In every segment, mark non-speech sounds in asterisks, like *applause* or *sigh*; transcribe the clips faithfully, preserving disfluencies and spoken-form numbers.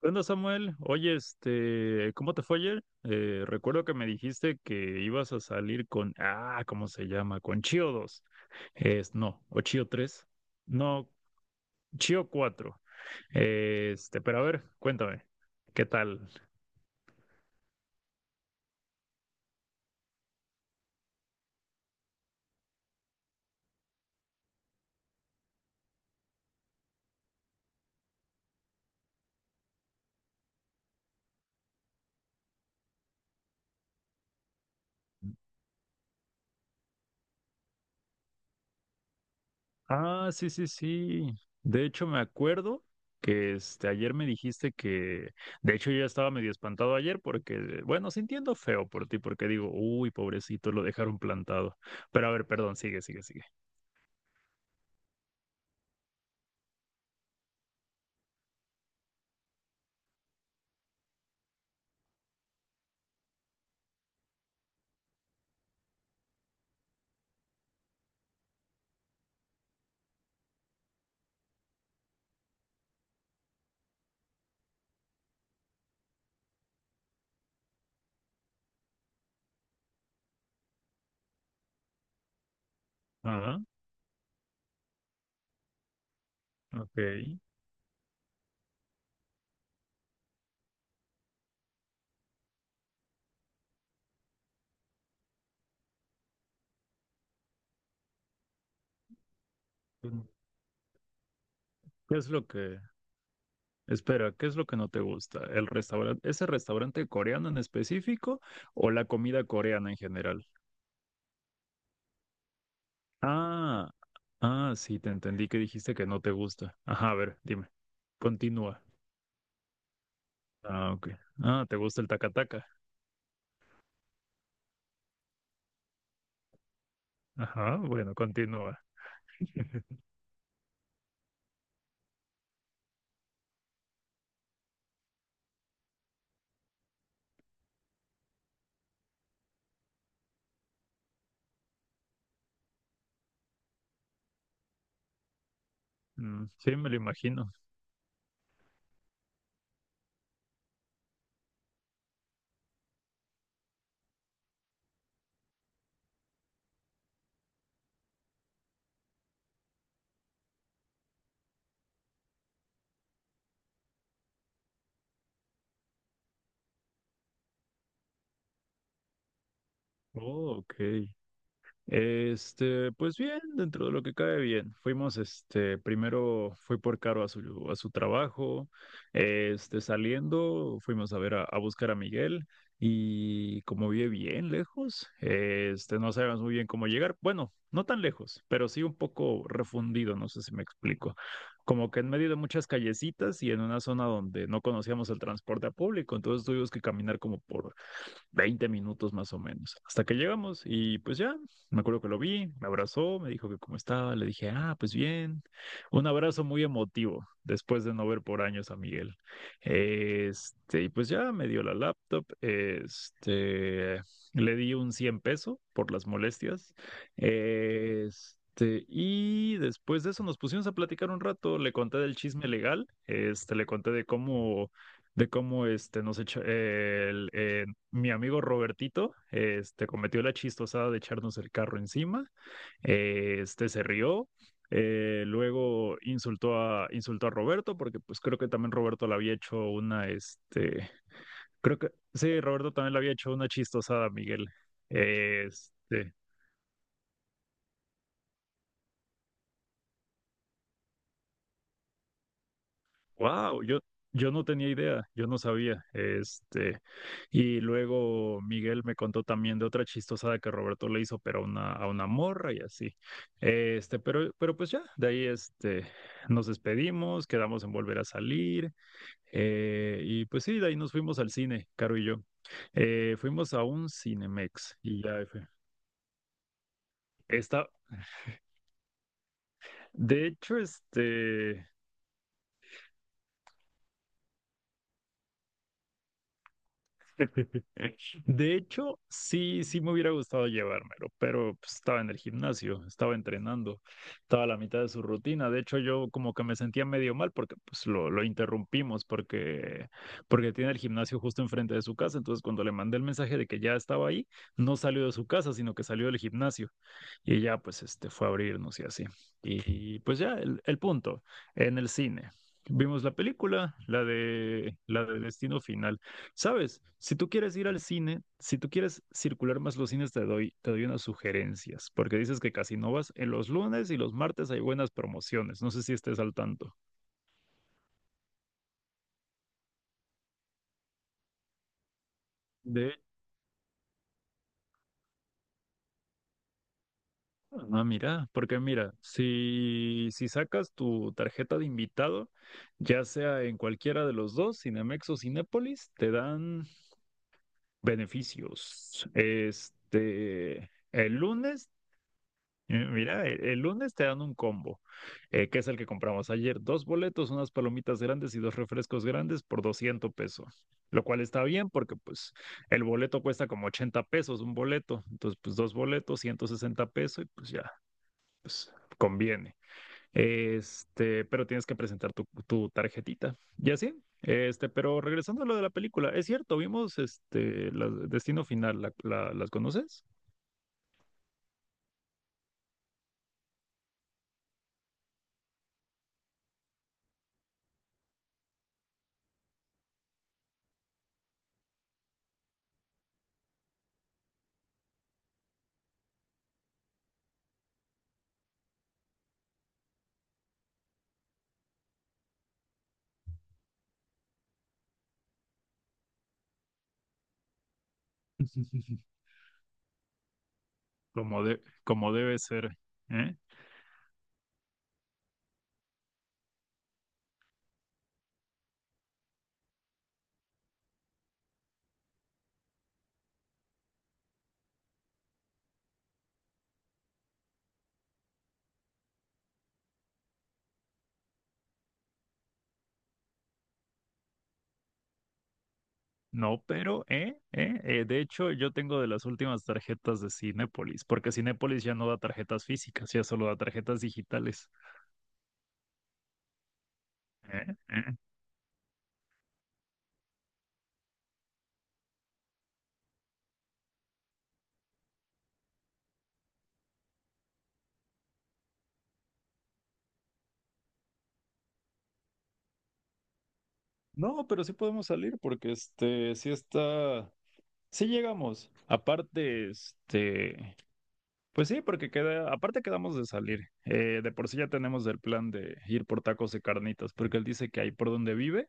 ¿Qué onda, Samuel? Oye, este, ¿cómo te fue ayer? Eh, recuerdo que me dijiste que ibas a salir con, ah, ¿cómo se llama? Con Chio dos. Es, no, o Chio tres. No, Chio cuatro. Este, pero a ver, cuéntame, ¿qué tal? Ah, sí, sí, sí. De hecho, me acuerdo que este, ayer me dijiste que, de hecho, yo ya estaba medio espantado ayer porque, bueno, sintiendo feo por ti, porque digo, uy, pobrecito, lo dejaron plantado. Pero a ver, perdón, sigue, sigue, sigue. Ok. Pues, ¿qué es lo que, espera, qué es lo que no te gusta? ¿El restaurante, ese restaurante coreano en específico o la comida coreana en general? Ah, ah, sí, te entendí que dijiste que no te gusta. Ajá, a ver, dime. Continúa. Ah, ok. Ah, ¿te gusta el taca... Ajá, bueno, continúa. Mm, sí, me lo imagino. Oh, ok. Este, pues bien, dentro de lo que cae bien. Fuimos, este, primero fui por Caro a su, a su trabajo. Este, saliendo, fuimos a ver a, a buscar a Miguel, y como vive bien lejos, este, no sabíamos muy bien cómo llegar. Bueno, no tan lejos, pero sí un poco refundido, no sé si me explico. Como que en medio de muchas callecitas y en una zona donde no conocíamos el transporte público, entonces tuvimos que caminar como por veinte minutos más o menos, hasta que llegamos y pues ya, me acuerdo que lo vi, me abrazó, me dijo que cómo estaba, le dije, ah, pues bien, un abrazo muy emotivo después de no ver por años a Miguel. Este, y pues ya me dio la laptop. Este, le di un cien pesos por las molestias. Este, este, y después de eso nos pusimos a platicar un rato, le conté del chisme legal. Este, le conté de cómo, de cómo este, nos echa, eh, el, eh, mi amigo Robertito este, cometió la chistosada de echarnos el carro encima. Eh, este se rió. Eh, luego insultó a, insultó a Roberto, porque pues creo que también Roberto le había hecho una, este, creo que, sí, Roberto también le había hecho una chistosada a Miguel. Este, wow, yo, yo no tenía idea, yo no sabía. Este, y luego Miguel me contó también de otra chistosada que Roberto le hizo, pero a una, a una morra y así. Este, pero, pero pues ya, de ahí este, nos despedimos, quedamos en volver a salir. Eh, y pues sí, de ahí nos fuimos al cine, Caro y yo. Eh, fuimos a un Cinemex y ya fue. Está, de hecho, este. De hecho, sí, sí me hubiera gustado llevármelo, pero pues, estaba en el gimnasio, estaba entrenando, estaba a la mitad de su rutina. De hecho, yo como que me sentía medio mal porque pues lo, lo interrumpimos porque, porque tiene el gimnasio justo enfrente de su casa. Entonces, cuando le mandé el mensaje de que ya estaba ahí, no salió de su casa, sino que salió del gimnasio. Y ya pues este fue a abrirnos y así. Y, pues ya, el, el punto, en el cine. Vimos la película, la de la de Destino Final. ¿Sabes? Si tú quieres ir al cine, si tú quieres circular más los cines, te doy, te doy unas sugerencias, porque dices que casi no vas. En los lunes y los martes hay buenas promociones. No sé si estés al tanto. De, ah, mira, porque mira, si, si sacas tu tarjeta de invitado, ya sea en cualquiera de los dos, Cinemex o Cinépolis, te dan beneficios. Este, el lunes... Eh, Mira, el, el lunes te dan un combo, eh, que es el que compramos ayer. Dos boletos, unas palomitas grandes y dos refrescos grandes por doscientos pesos. Lo cual está bien porque pues el boleto cuesta como ochenta pesos un boleto. Entonces pues dos boletos, ciento sesenta pesos y pues ya, pues conviene. Este, pero tienes que presentar tu, tu tarjetita. Y así, este, pero regresando a lo de la película, es cierto, vimos este, la- Destino Final, la, la- ¿las conoces? *laughs* Como, de, como debe ser. ¿Eh? No, pero, ¿eh? ¿Eh? eh, de hecho, yo tengo de las últimas tarjetas de Cinépolis, porque Cinépolis ya no da tarjetas físicas, ya solo da tarjetas digitales. ¿Eh? ¿Eh? No, pero sí podemos salir, porque este, sí está, sí llegamos. Aparte, este, pues sí, porque queda, aparte quedamos de salir. Eh, de por sí ya tenemos el plan de ir por tacos y carnitas, porque él dice que ahí por donde vive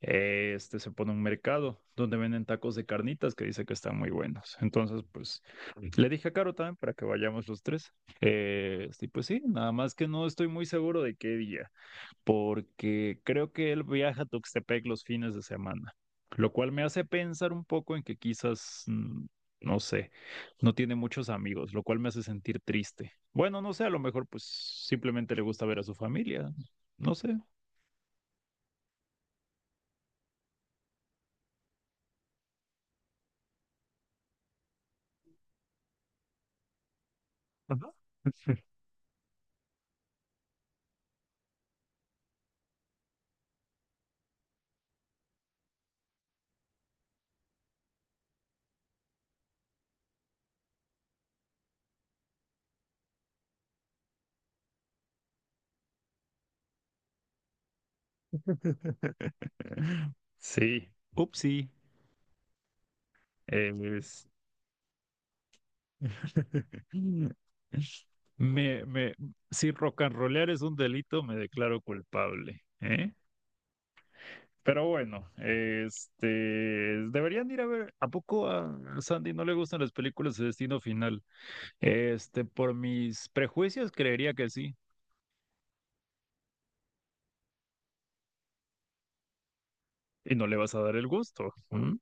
eh, este, se pone un mercado donde venden tacos de carnitas que dice que están muy buenos. Entonces, pues le dije a Caro también para que vayamos los tres. Eh, este, y pues sí, nada más que no estoy muy seguro de qué día, porque creo que él viaja a Tuxtepec los fines de semana, lo cual me hace pensar un poco en que quizás, mm, no sé, no tiene muchos amigos, lo cual me hace sentir triste. Bueno, no sé, a lo mejor pues simplemente le gusta ver a su familia, no sé. *laughs* Sí, upsí. Es... *laughs* Me, me, si rock and rollear es un delito, me declaro culpable, ¿eh? Pero bueno, este, deberían ir a ver, ¿a poco a Sandy no le gustan las películas de Destino Final? Este, por mis prejuicios creería que sí, y no le vas a dar el gusto, ¿m?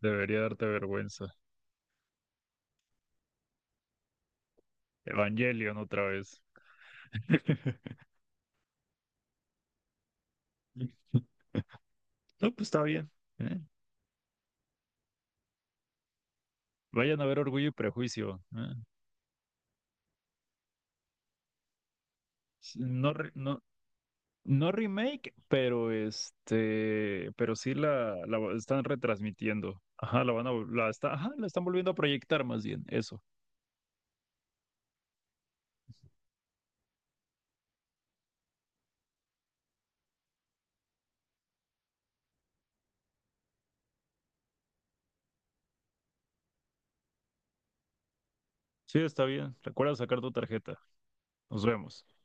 Debería darte vergüenza. Evangelion otra vez. *laughs* No, pues está bien, ¿eh? Vayan a ver Orgullo y Prejuicio. ¿Eh? No, re- no, no remake, pero este, pero sí la, la va- están retransmitiendo. Ajá, la van a, vol- la está, ajá, la están volviendo a proyectar más bien, eso. Sí, está bien. Recuerda sacar tu tarjeta. Nos vemos.